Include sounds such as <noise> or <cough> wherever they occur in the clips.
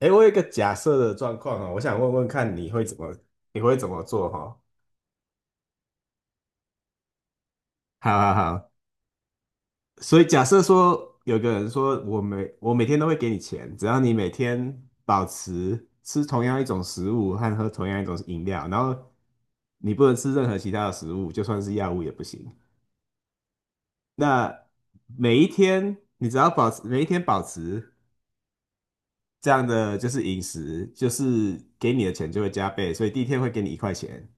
哎，我有一个假设的状况哦，我想问问看你会怎么做哈、哦？好好好，所以假设说有个人说我每天都会给你钱，只要你每天保持吃同样一种食物和喝同样一种饮料，然后你不能吃任何其他的食物，就算是药物也不行。那每一天保持这样的就是饮食，就是给你的钱就会加倍，所以第一天会给你1块钱。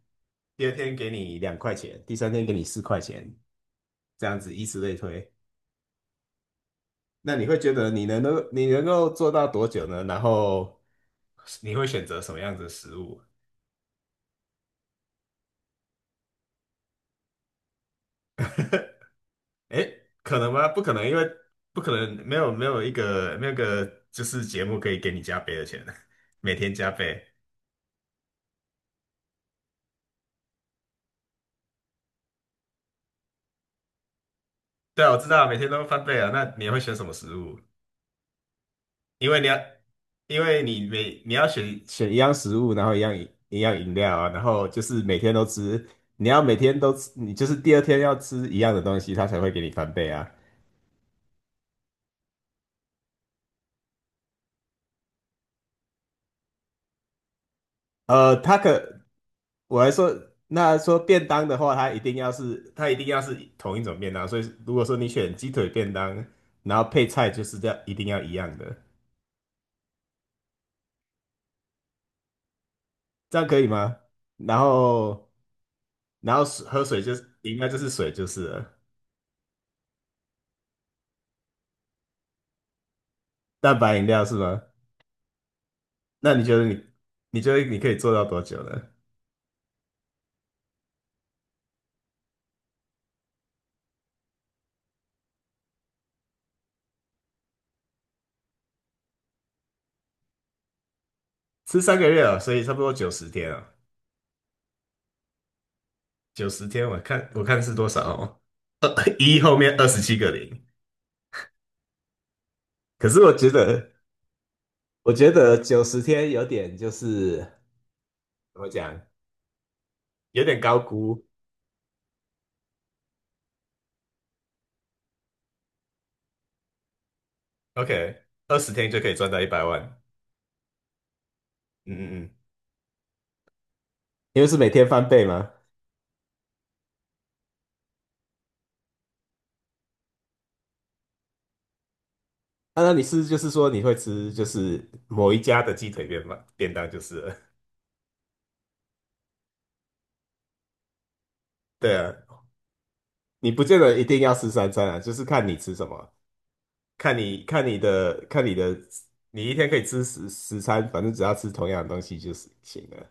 第二天给你2块钱，第三天给你4块钱，这样子以此类推。那你会觉得你能够做到多久呢？然后你会选择什么样子的食物？<laughs> 诶，可能吗？不可能，因为不可能没有一个就是节目可以给你加倍的钱，<laughs> 每天加倍。对啊，我知道，每天都翻倍啊。那你会选什么食物？因为你要，因为你要选一样食物，然后一样饮料啊，然后就是每天都吃，你要每天都吃，你就是第二天要吃一样的东西，它才会给你翻倍啊。呃，它可我还说，那说便当的话，它一定要是同一种便当，所以如果说你选鸡腿便当，然后配菜就是这样，一定要一样的，这样可以吗？然后然后水就是饮料就是水就是了，蛋白饮料是吗？那你觉得你，你觉得你可以做到多久呢？吃三个月啊，所以差不多九十天啊，九十天我看是多少哦，<laughs> 二一后面27个零。可是我觉得，我觉得九十天有点就是怎么讲，有点高估。OK，二十天就可以赚到一百万。嗯嗯嗯，因为是每天翻倍嘛。啊，那你是就是说你会吃就是某一家的鸡腿便当就是了。<laughs> 对啊，你不见得一定要吃三餐啊，就是看你吃什么。看你的，你一天可以吃十餐，反正只要吃同样的东西就是行了。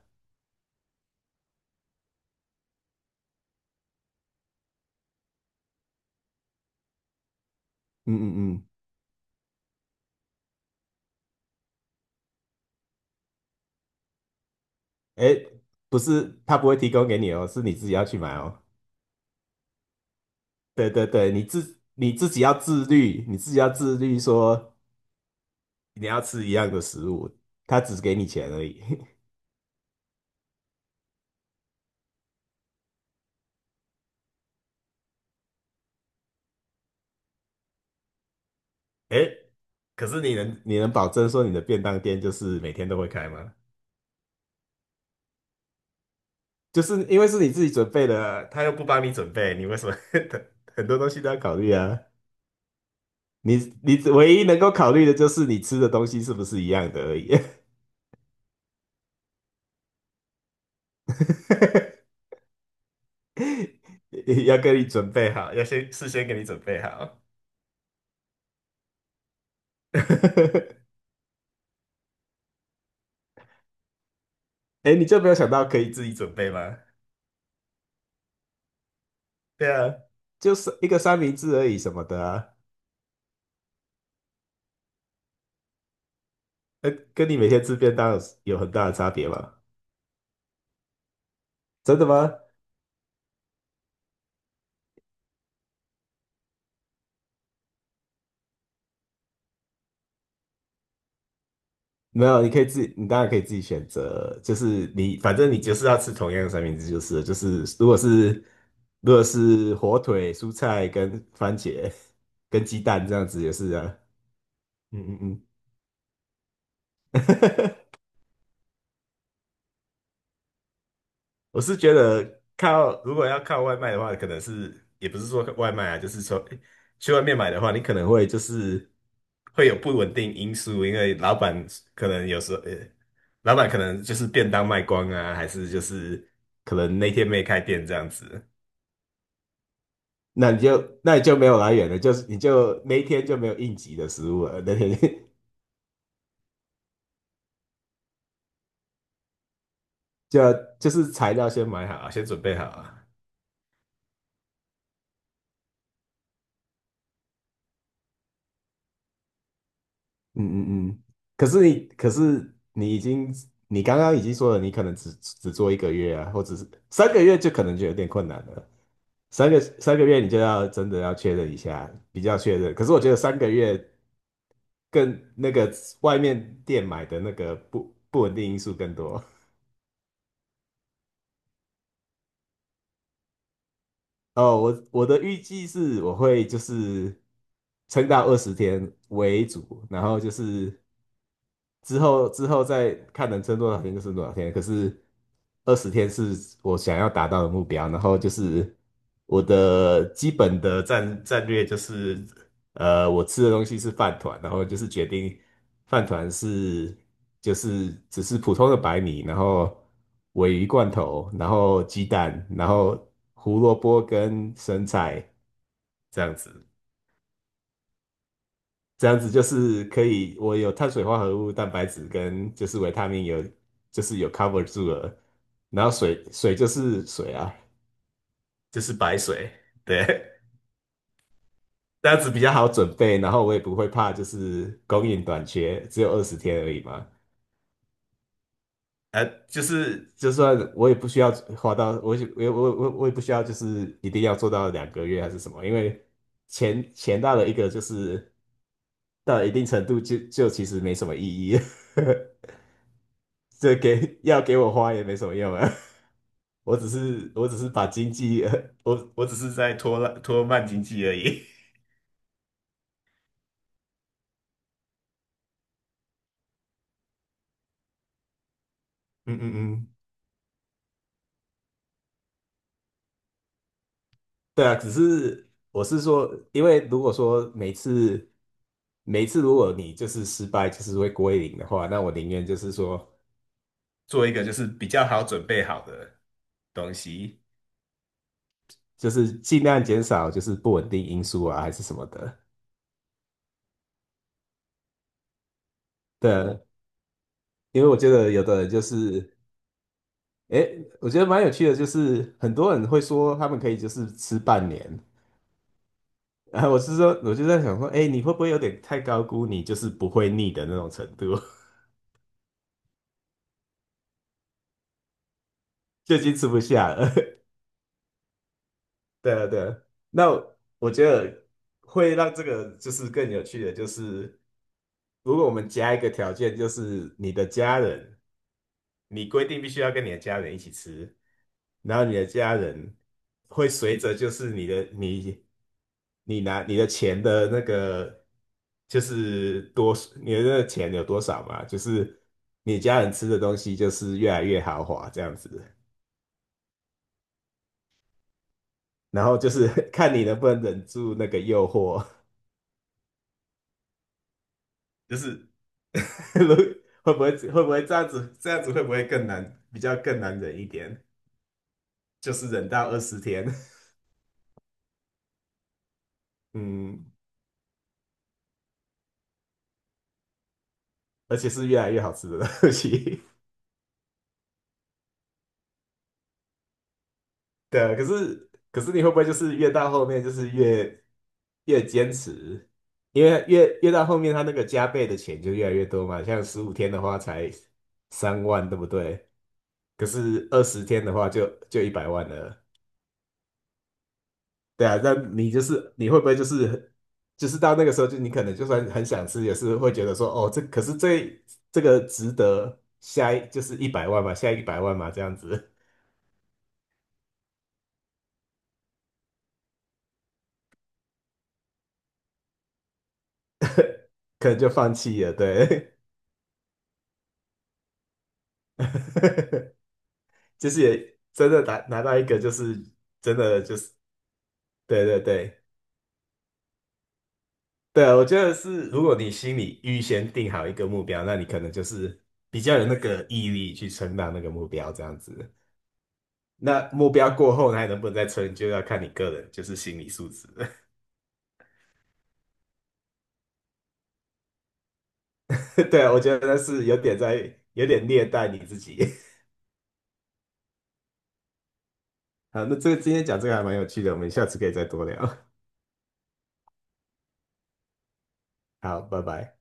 嗯嗯嗯，哎，不是，他不会提供给你哦，是你自己要去买哦。对对对，你自己要自律，你自己要自律说你要吃一样的食物，他只给你钱而已。<laughs> 哎，可是你能保证说你的便当店就是每天都会开吗？就是因为是你自己准备的啊，他又不帮你准备，你为什么 <laughs> 很多东西都要考虑啊？你你唯一能够考虑的就是你吃的东西是不是一样的而已，<laughs> 要跟你准备好，要先事先给你准备好。<laughs> 哎你就没有想到可以自己准备吗？对啊，就是一个三明治而已什么的啊，跟你每天吃便当有很大的差别吗？真的吗？没有，你当然可以自己选择，就是你反正你就是要吃同样的三明治就是了，就是如果是火腿、蔬菜跟番茄跟鸡蛋这样子也是啊，嗯嗯嗯，<laughs> 我是觉得靠，如果要靠外卖的话，可能是也不是说外卖啊，就是说诶去外面买的话，你可能会就是会有不稳定因素，因为老板可能有时候，老板可能就是便当卖光啊，还是就是可能那天没开店这样子，那你就没有来源了，就是你就那一天就没有应急的食物了，那天 <laughs> 就要就是材料先买好啊先准备好啊。嗯嗯嗯，可是你，可是你已经，你刚刚已经说了，你可能只做1个月啊，或者是三个月，就可能就有点困难了。三个月你就要真的要确认一下，比较确认。可是我觉得三个月更那个外面店买的那个不稳定因素更多。哦，我的预计是我会就是撑到二十天为主，然后就是之后再看能撑多少天就撑多少天。可是二十天是我想要达到的目标，然后就是我的基本的战略就是我吃的东西是饭团，然后就是决定饭团是就是只是普通的白米，然后鲔鱼罐头，然后鸡蛋，然后胡萝卜跟生菜这样子，这样子就是可以，我有碳水化合物、蛋白质跟就是维他命有就是有 cover 住了，然后水就是水啊，就是白水，对。这样子比较好准备，然后我也不会怕，就是供应短缺，只有二十天而已嘛。就是就算我也不需要花到，我也不需要，就是一定要做到2个月还是什么，因为钱到了一个就是到了一定程度就其实没什么意义，<laughs> 这给要给我花也没什么用啊，<laughs> 我只是把经济，<laughs> 我只是在拖慢经济而已，<laughs> 嗯嗯嗯对啊，只是我是说，因为如果说每次如果你就是失败，就是会归零的话，那我宁愿就是说，做一个就是比较好准备好的东西。就是尽量减少就是不稳定因素啊，还是什么的。对啊，因为我觉得有的人就是，诶，我觉得蛮有趣的，就是很多人会说他们可以就是吃半年，然后我是说，我就在想说，诶，你会不会有点太高估你就是不会腻的那种程度，<laughs> 就已经吃不下了。对啊，对啊。那我觉得会让这个就是更有趣的，就是如果我们加一个条件，就是你的家人，你规定必须要跟你的家人一起吃，然后你的家人会随着就是你拿你的钱的那个就是多你的那个钱有多少嘛，就是你家人吃的东西就是越来越豪华这样子，然后就是 <laughs> 看你能不能忍住那个诱惑。就是 <laughs> 如会不会会不会这样子？这样子会不会更难？比较更难忍一点，就是忍到二十天，嗯，而且是越来越好吃的东西。<laughs> 对啊可是你会不会就是越到后面就是越坚持？因为越到后面，他那个加倍的钱就越来越多嘛。像15天的话才3万，对不对？可是二十天的话就一百万了。对啊，那你就是你会不会就是到那个时候，就你可能就算很想吃，也是会觉得说，哦，这可是这这个值得下一就是一百万嘛，下一百万嘛，这样子，<laughs> 可能就放弃了。对，<laughs> 就是也真的拿到一个，就是真的就是对对对对啊，我觉得是，如果你心里预先定好一个目标，那你可能就是比较有那个毅力去撑到那个目标，这样子。那目标过后，还能不能再撑，就要看你个人，就是心理素质。<laughs> 对啊，我觉得是有点虐待你自己。<laughs> 好，那这个今天讲这个还蛮有趣的，我们下次可以再多聊。<laughs> 好，拜拜。